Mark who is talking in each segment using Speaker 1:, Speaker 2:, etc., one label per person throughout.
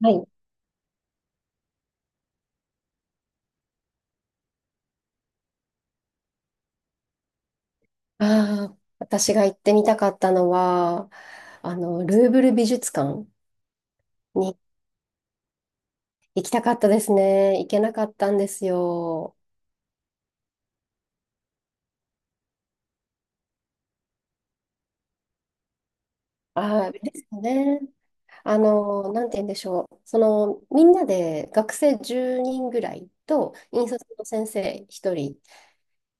Speaker 1: はい。ああ、私が行ってみたかったのは、ルーブル美術館に行きたかったですね。行けなかったんですよ。ああ、ですね。なんて言うんでしょう。みんなで学生10人ぐらいと、引率の先生1人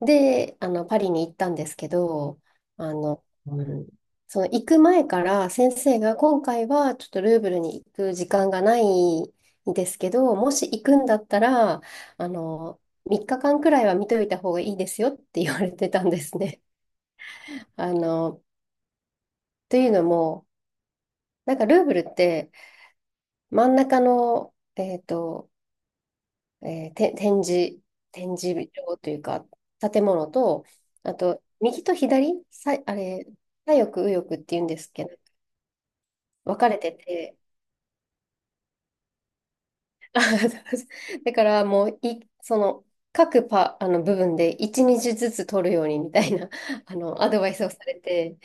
Speaker 1: で、パリに行ったんですけど、あの、うん、その行く前から先生が今回はちょっとルーブルに行く時間がないんですけど、もし行くんだったら、3日間くらいは見といた方がいいですよって言われてたんですね。あの、というのも、なんかルーブルって真ん中の、えっと、えーて、展示場というか、建物と、あと、右と左、さい、あれ、左翼、右翼っていうんですけど、分かれてて、あ、だからもう、い、その、各パ、あの部分で1日ずつ取るようにみたいな、アドバイスをされて、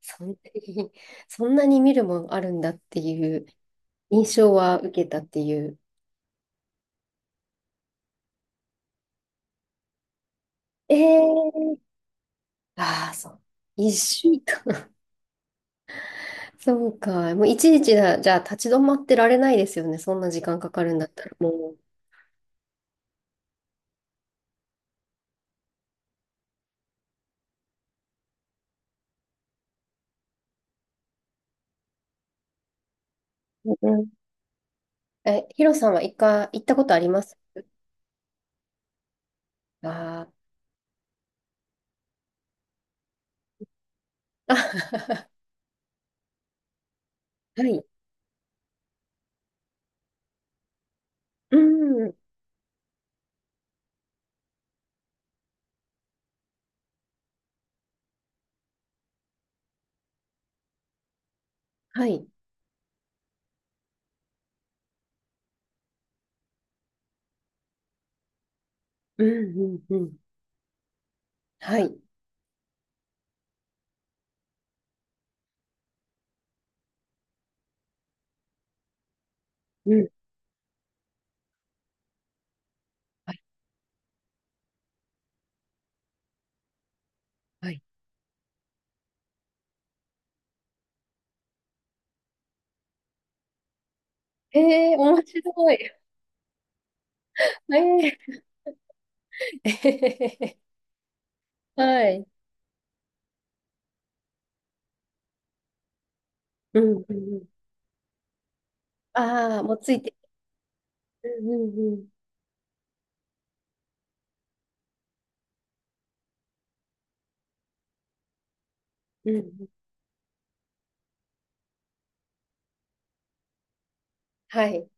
Speaker 1: そんなに、そんなに見るもんあるんだっていう印象は受けたっていう。えー、ああ、そう。一週間。そうか。もういちいちだ、じゃあ立ち止まってられないですよね。そんな時間かかるんだったら。うん、ヒロさんは一回行ったことありますかあ？はい。うん。はい。うん、うん、うん。はい。うん。はい。はい。面白い。えー、えはい。うん、うんうんうんはいうんはいはい面白いえはいうんうんうん。ああー、もうついて。うん、うん、うん。うん。はい。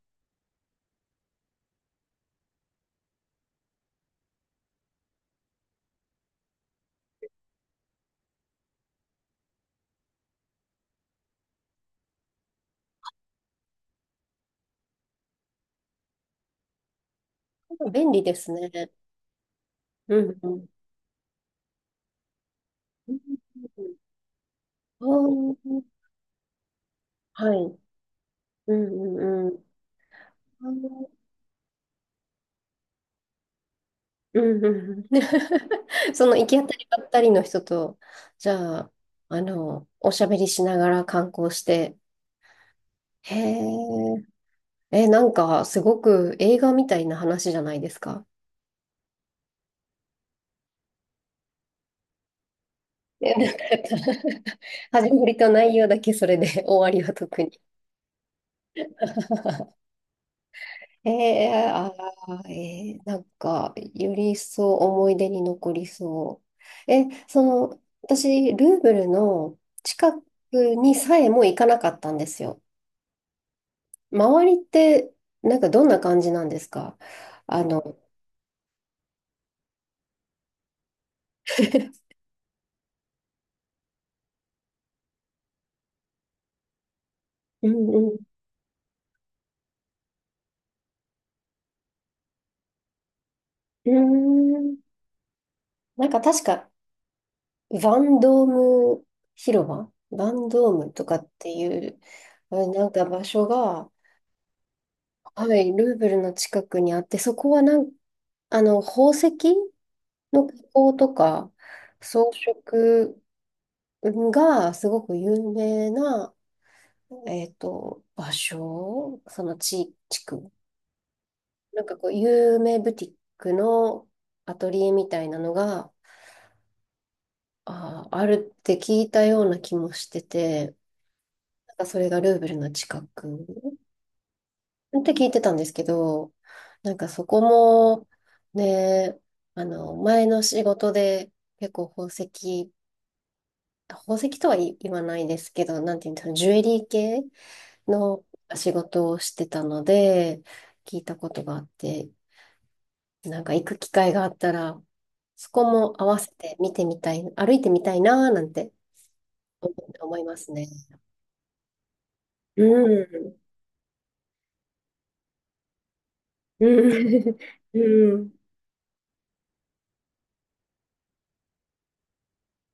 Speaker 1: 便利ですね。うん、うん。うんうんうんおー、はい。うんうんうん。うんうんうん その行き当たりばったりの人と、じゃあ、おしゃべりしながら観光して、へえ、え、なんかすごく映画みたいな話じゃないですか？え、なんか 始まりと内容だけそれで終わりは特に。ええああー、なんか、より一層思い出に残りそう。え、私、ルーブルの近くにさえも行かなかったんですよ。周りって、なんかどんな感じなんですか？あの、うんうん。うーん。なんか確か、バンドーム広場バンドームとかっていう、あ、なんか場所が、はい、ルーブルの近くにあって、そこはなん、あの、宝石の加工とか装飾がすごく有名な、場所、地区。なんかこう、有名ブティックのアトリエみたいなのが、あるって聞いたような気もしてて、なんかそれがルーブルの近くって聞いてたんですけど、なんかそこも、ね、前の仕事で結構宝石とは言わないですけど、なんていうんですか、ジュエリー系の仕事をしてたので、聞いたことがあって、なんか行く機会があったら、そこも合わせて見てみたい、歩いてみたいなーなんて思思いますね。うん。うん。うん、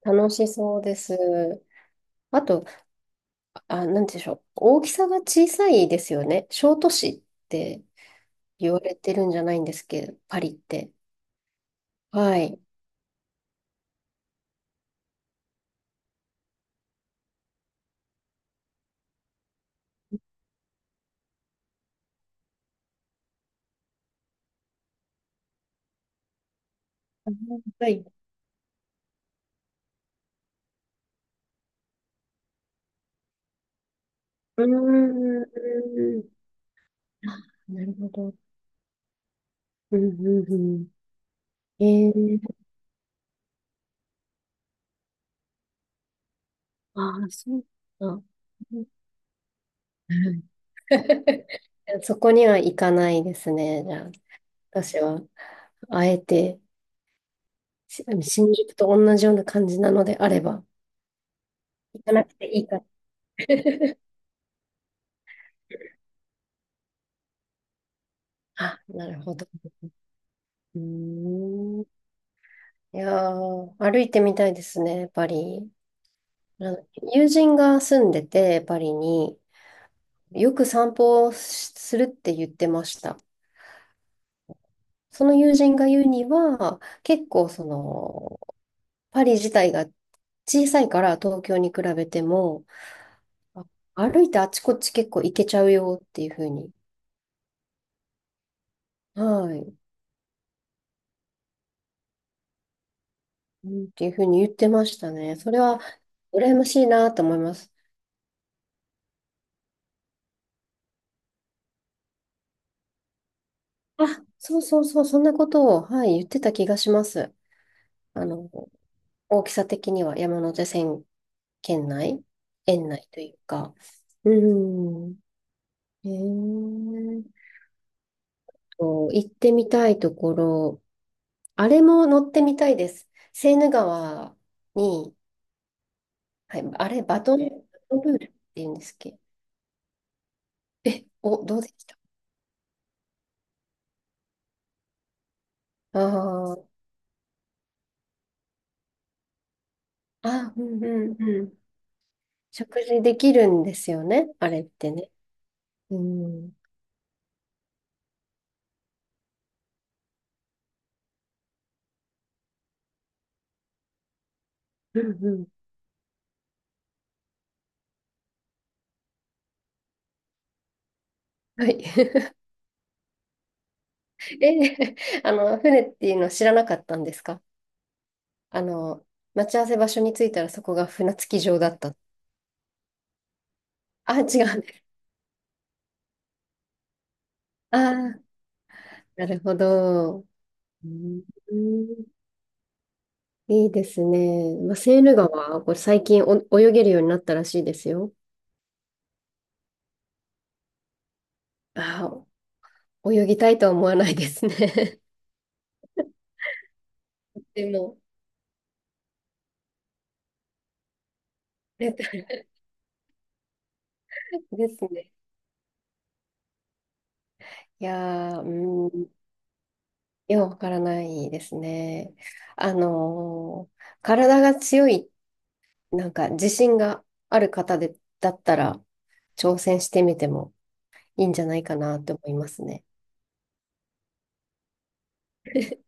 Speaker 1: 楽しそうです。あと、あ、なんて言うんでしょう。大きさが小さいですよね。小都市って言われてるんじゃないんですけど、パリって。はい。あはいうーん。あ、なるほど。うんうんうん。ええああ、そうか。うん そこには行かないですね。じゃあ、私は、あえて、新宿と同じような感じなのであれば、行かなくていいから。あ、なるほど。うーん。いやー、歩いてみたいですね、パリ。あの友人が住んでて、パリに、よく散歩をするって言ってました。その友人が言うには、結構パリ自体が小さいから東京に比べても、あ歩いてあちこち結構行けちゃうよっていうふうに、はい、うんっていうふうに言ってましたね。それは羨ましいなと思います。あ、そうそうそう、そんなことを、はい、言ってた気がします。あの、大きさ的には山手線圏内、園内というか。うん。へえ。と行ってみたいところ、あれも乗ってみたいです。セーヌ川に、はい、あれ、バトンルールって言うんですっけえ？どうでしたああー？あ、うんうんうん。食事できるんですよね、あれってね。うん。うんうん。はい。え、船っていうの知らなかったんですか？あの、待ち合わせ場所に着いたらそこが船着き場だった。あ、違う。ああ、なるほど。うん、いいですね。まあ、セーヌ川、これ最近泳げるようになったらしいですよ。ああ、泳ぎたいとは思わないですね。でも、レトルですね。いやー、うん、いや、わからないですね。あのー体が強い、なんか自信がある方で、だったら、挑戦してみてもいいんじゃないかなって思いますね。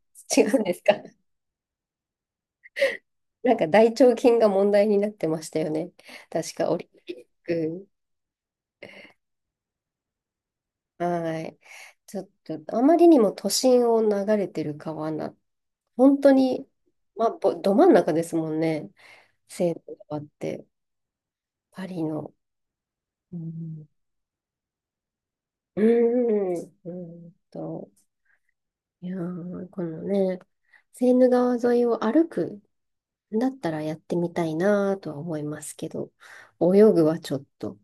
Speaker 1: 違うんですか？なんか大腸菌が問題になってましたよね。確か、オリンピック。はい。ちょっと、あまりにも都心を流れてる川な、本当に、まあ、ど真ん中ですもんね。セーヌ川って、パリの。うん、うーん、ーんと、いやー、このね、セーヌ川沿いを歩くんだったらやってみたいなとは思いますけど、泳ぐはちょっと。